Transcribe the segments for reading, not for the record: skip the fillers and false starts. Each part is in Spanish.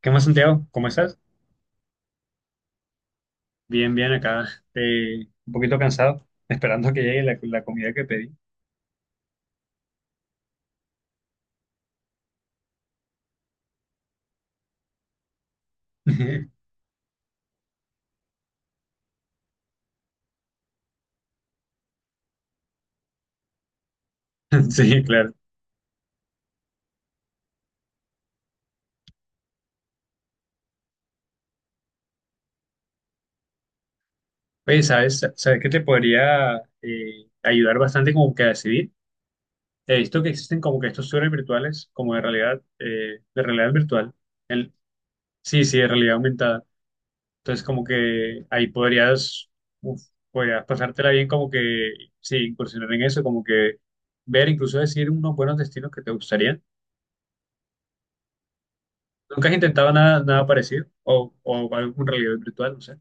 ¿Qué más, Santiago? ¿Cómo estás? Bien, bien, acá. Un poquito cansado, esperando que llegue la comida que pedí. Sí, claro. Oye, ¿sabes que te podría ayudar bastante como que a decidir? He visto que existen como que estos tours virtuales, como de realidad virtual. El, sí, sí, de realidad aumentada. Entonces, como que ahí podrías, uf, podrías pasártela bien como que, sí, incursionar en eso, como que ver, incluso decir unos buenos destinos que te gustarían. ¿Nunca has intentado nada parecido? O algún realidad virtual, no sé.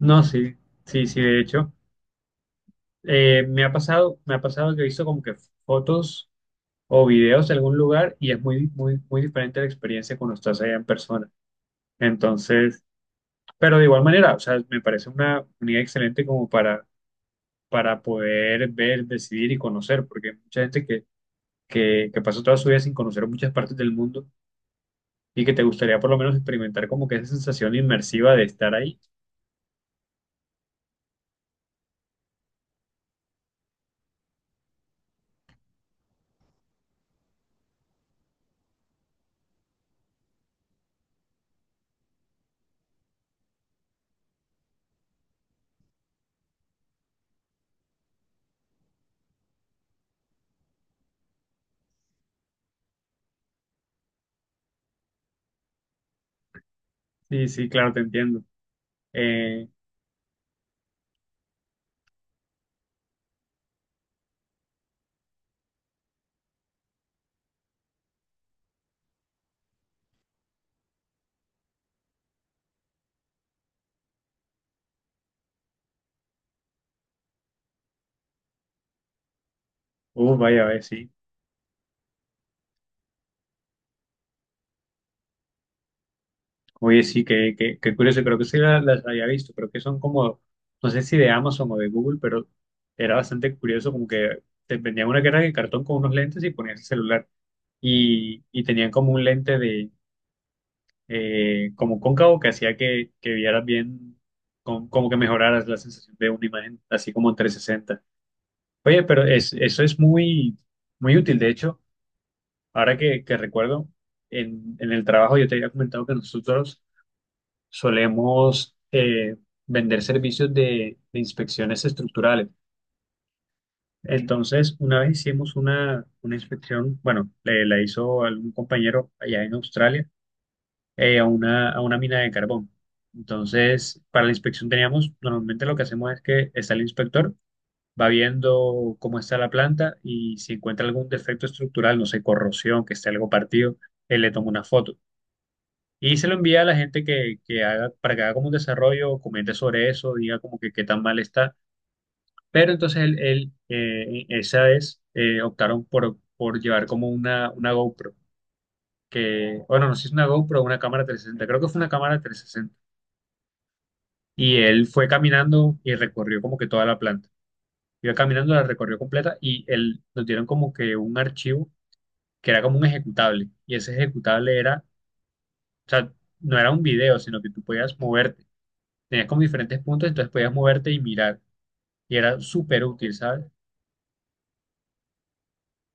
No, sí, sí, sí, de hecho. Me ha pasado que he visto como que fotos o videos de algún lugar y es muy diferente la experiencia cuando estás allá en persona. Entonces, pero de igual manera, o sea, me parece una unidad excelente como para poder ver, decidir y conocer, porque hay mucha gente que pasa toda su vida sin conocer muchas partes del mundo y que te gustaría por lo menos experimentar como que esa sensación inmersiva de estar ahí. Sí, sí, claro, te entiendo. Eh, Vaya, vaya, sí. Oye, sí, qué curioso. Creo que sí las, había visto. Creo que son como, no sé si de Amazon o de Google, pero era bastante curioso como que te vendían una caja de cartón con unos lentes y ponías el celular. Y tenían como un lente de, como cóncavo que hacía que vieras bien, como que mejoraras la sensación de una imagen, así como en 360. Oye, pero es, eso es muy, muy útil. De hecho. Ahora que recuerdo, en el trabajo yo te había comentado que nosotros solemos vender servicios de inspecciones estructurales. Entonces, una vez hicimos una inspección, bueno, la hizo algún compañero allá en Australia, a una mina de carbón. Entonces, para la inspección teníamos, normalmente lo que hacemos es que está el inspector, va viendo cómo está la planta y si encuentra algún defecto estructural, no sé, corrosión, que esté algo partido, él le toma una foto. Y se lo envía a la gente que haga, para que haga como un desarrollo, comente sobre eso, diga como que qué tan mal está. Pero entonces esa vez optaron por llevar como una GoPro, que, bueno, no sé si es una GoPro o una cámara 360, creo que fue una cámara 360. Y él fue caminando y recorrió como que toda la planta. Iba caminando, la recorrió completa y él, nos dieron como que un archivo que era como un ejecutable. Y ese ejecutable era, o sea, no era un video, sino que tú podías mover. Tenías como diferentes puntos, entonces podías moverte y mirar. Y era súper útil, ¿sabes?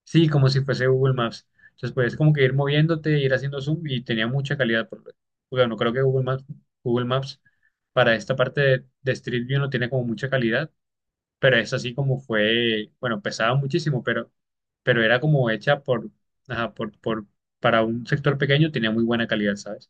Sí, como si fuese Google Maps. Entonces podías como que ir moviéndote, ir haciendo zoom y tenía mucha calidad. Por... porque no creo que Google Maps, para esta parte de Street View no tiene como mucha calidad, pero es así como fue, bueno, pesaba muchísimo, pero era como hecha por, para un sector pequeño tenía muy buena calidad, ¿sabes?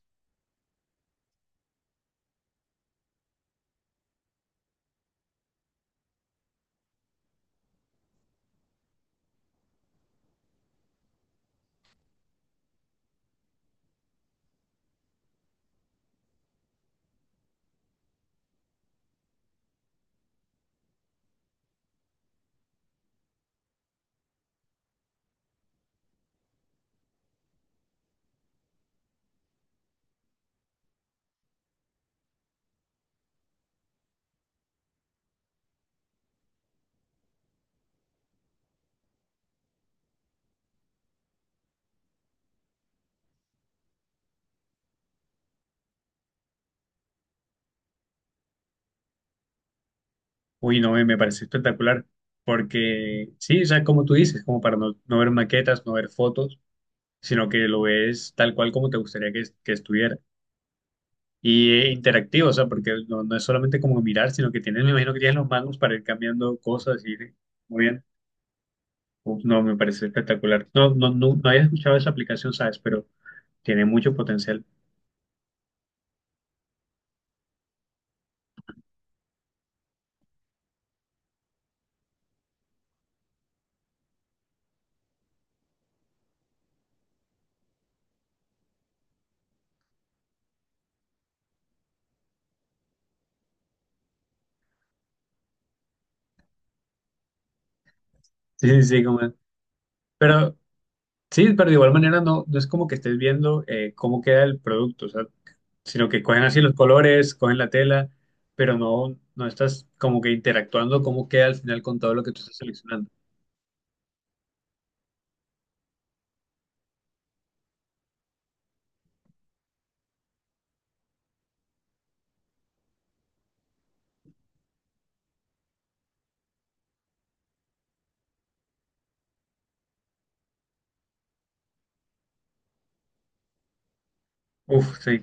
Uy, no, me me pareció espectacular, porque sí, o sea, como tú dices, como para no ver maquetas, no ver fotos, sino que lo ves tal cual como te gustaría que estuviera. Y interactivo, o sea, porque no es solamente como mirar, sino que tienes, me imagino que tienes los manos para ir cambiando cosas y ir muy bien. Uf, no, me parece espectacular. No, no, no, no había escuchado esa aplicación, ¿sabes? Pero tiene mucho potencial. Sí, sí, sí, pero sí, pero de igual manera no es como que estés viendo cómo queda el producto, o sea, sino que cogen así los colores, cogen la tela, pero no estás como que interactuando cómo queda al final con todo lo que tú estás seleccionando. Uf, sí.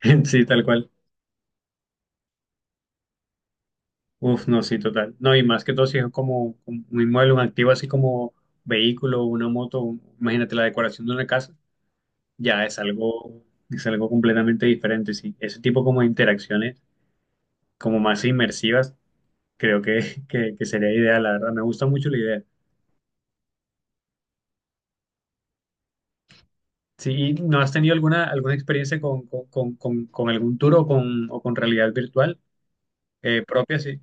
Sí, tal cual. Uf, no, sí, total. No, y más que todo si es como un inmueble, un activo así como vehículo, una moto, imagínate la decoración de una casa, ya es algo completamente diferente, sí. Ese tipo como de interacciones, como más inmersivas, creo que, que sería ideal, la verdad. Me gusta mucho la idea. Sí, ¿y no has tenido alguna experiencia con algún tour o con realidad virtual propia? Sí,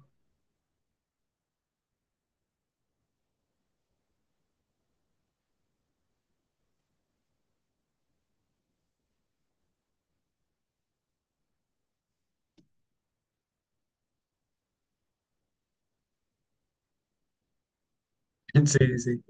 sí, sí.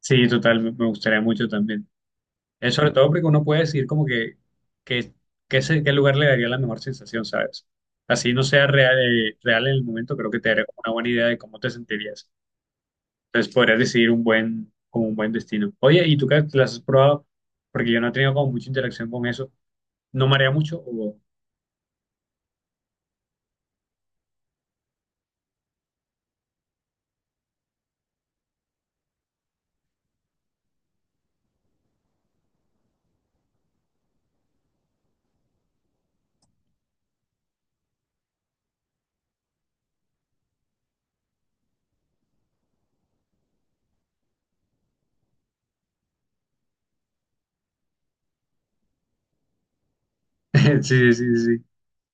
Sí, total, me me gustaría mucho también. Es sobre todo porque uno puede decir como que, que qué lugar le daría la mejor sensación, ¿sabes? Así no sea real, real en el momento, creo que te daría como una buena idea de cómo te sentirías. Entonces podrías decidir un buen, como un buen destino. Oye, ¿y tú qué las has probado? Porque yo no he tenido como mucha interacción con eso. ¿No marea mucho? O- Sí, sí, sí, sí.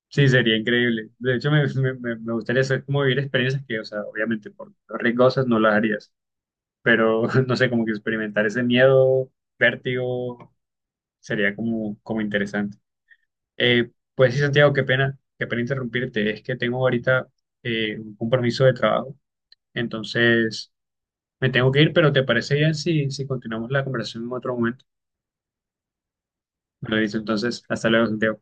Sí, sería increíble. De hecho, me gustaría hacer como vivir experiencias que, o sea, obviamente por riesgosas no las harías, pero no sé, como que experimentar ese miedo, vértigo. Sería como, como interesante. Pues sí, Santiago, qué pena interrumpirte. Es que tengo ahorita un compromiso de trabajo, entonces me tengo que ir, pero ¿te parece bien si, si continuamos la conversación en otro momento? Me lo dice entonces, hasta luego, Santiago.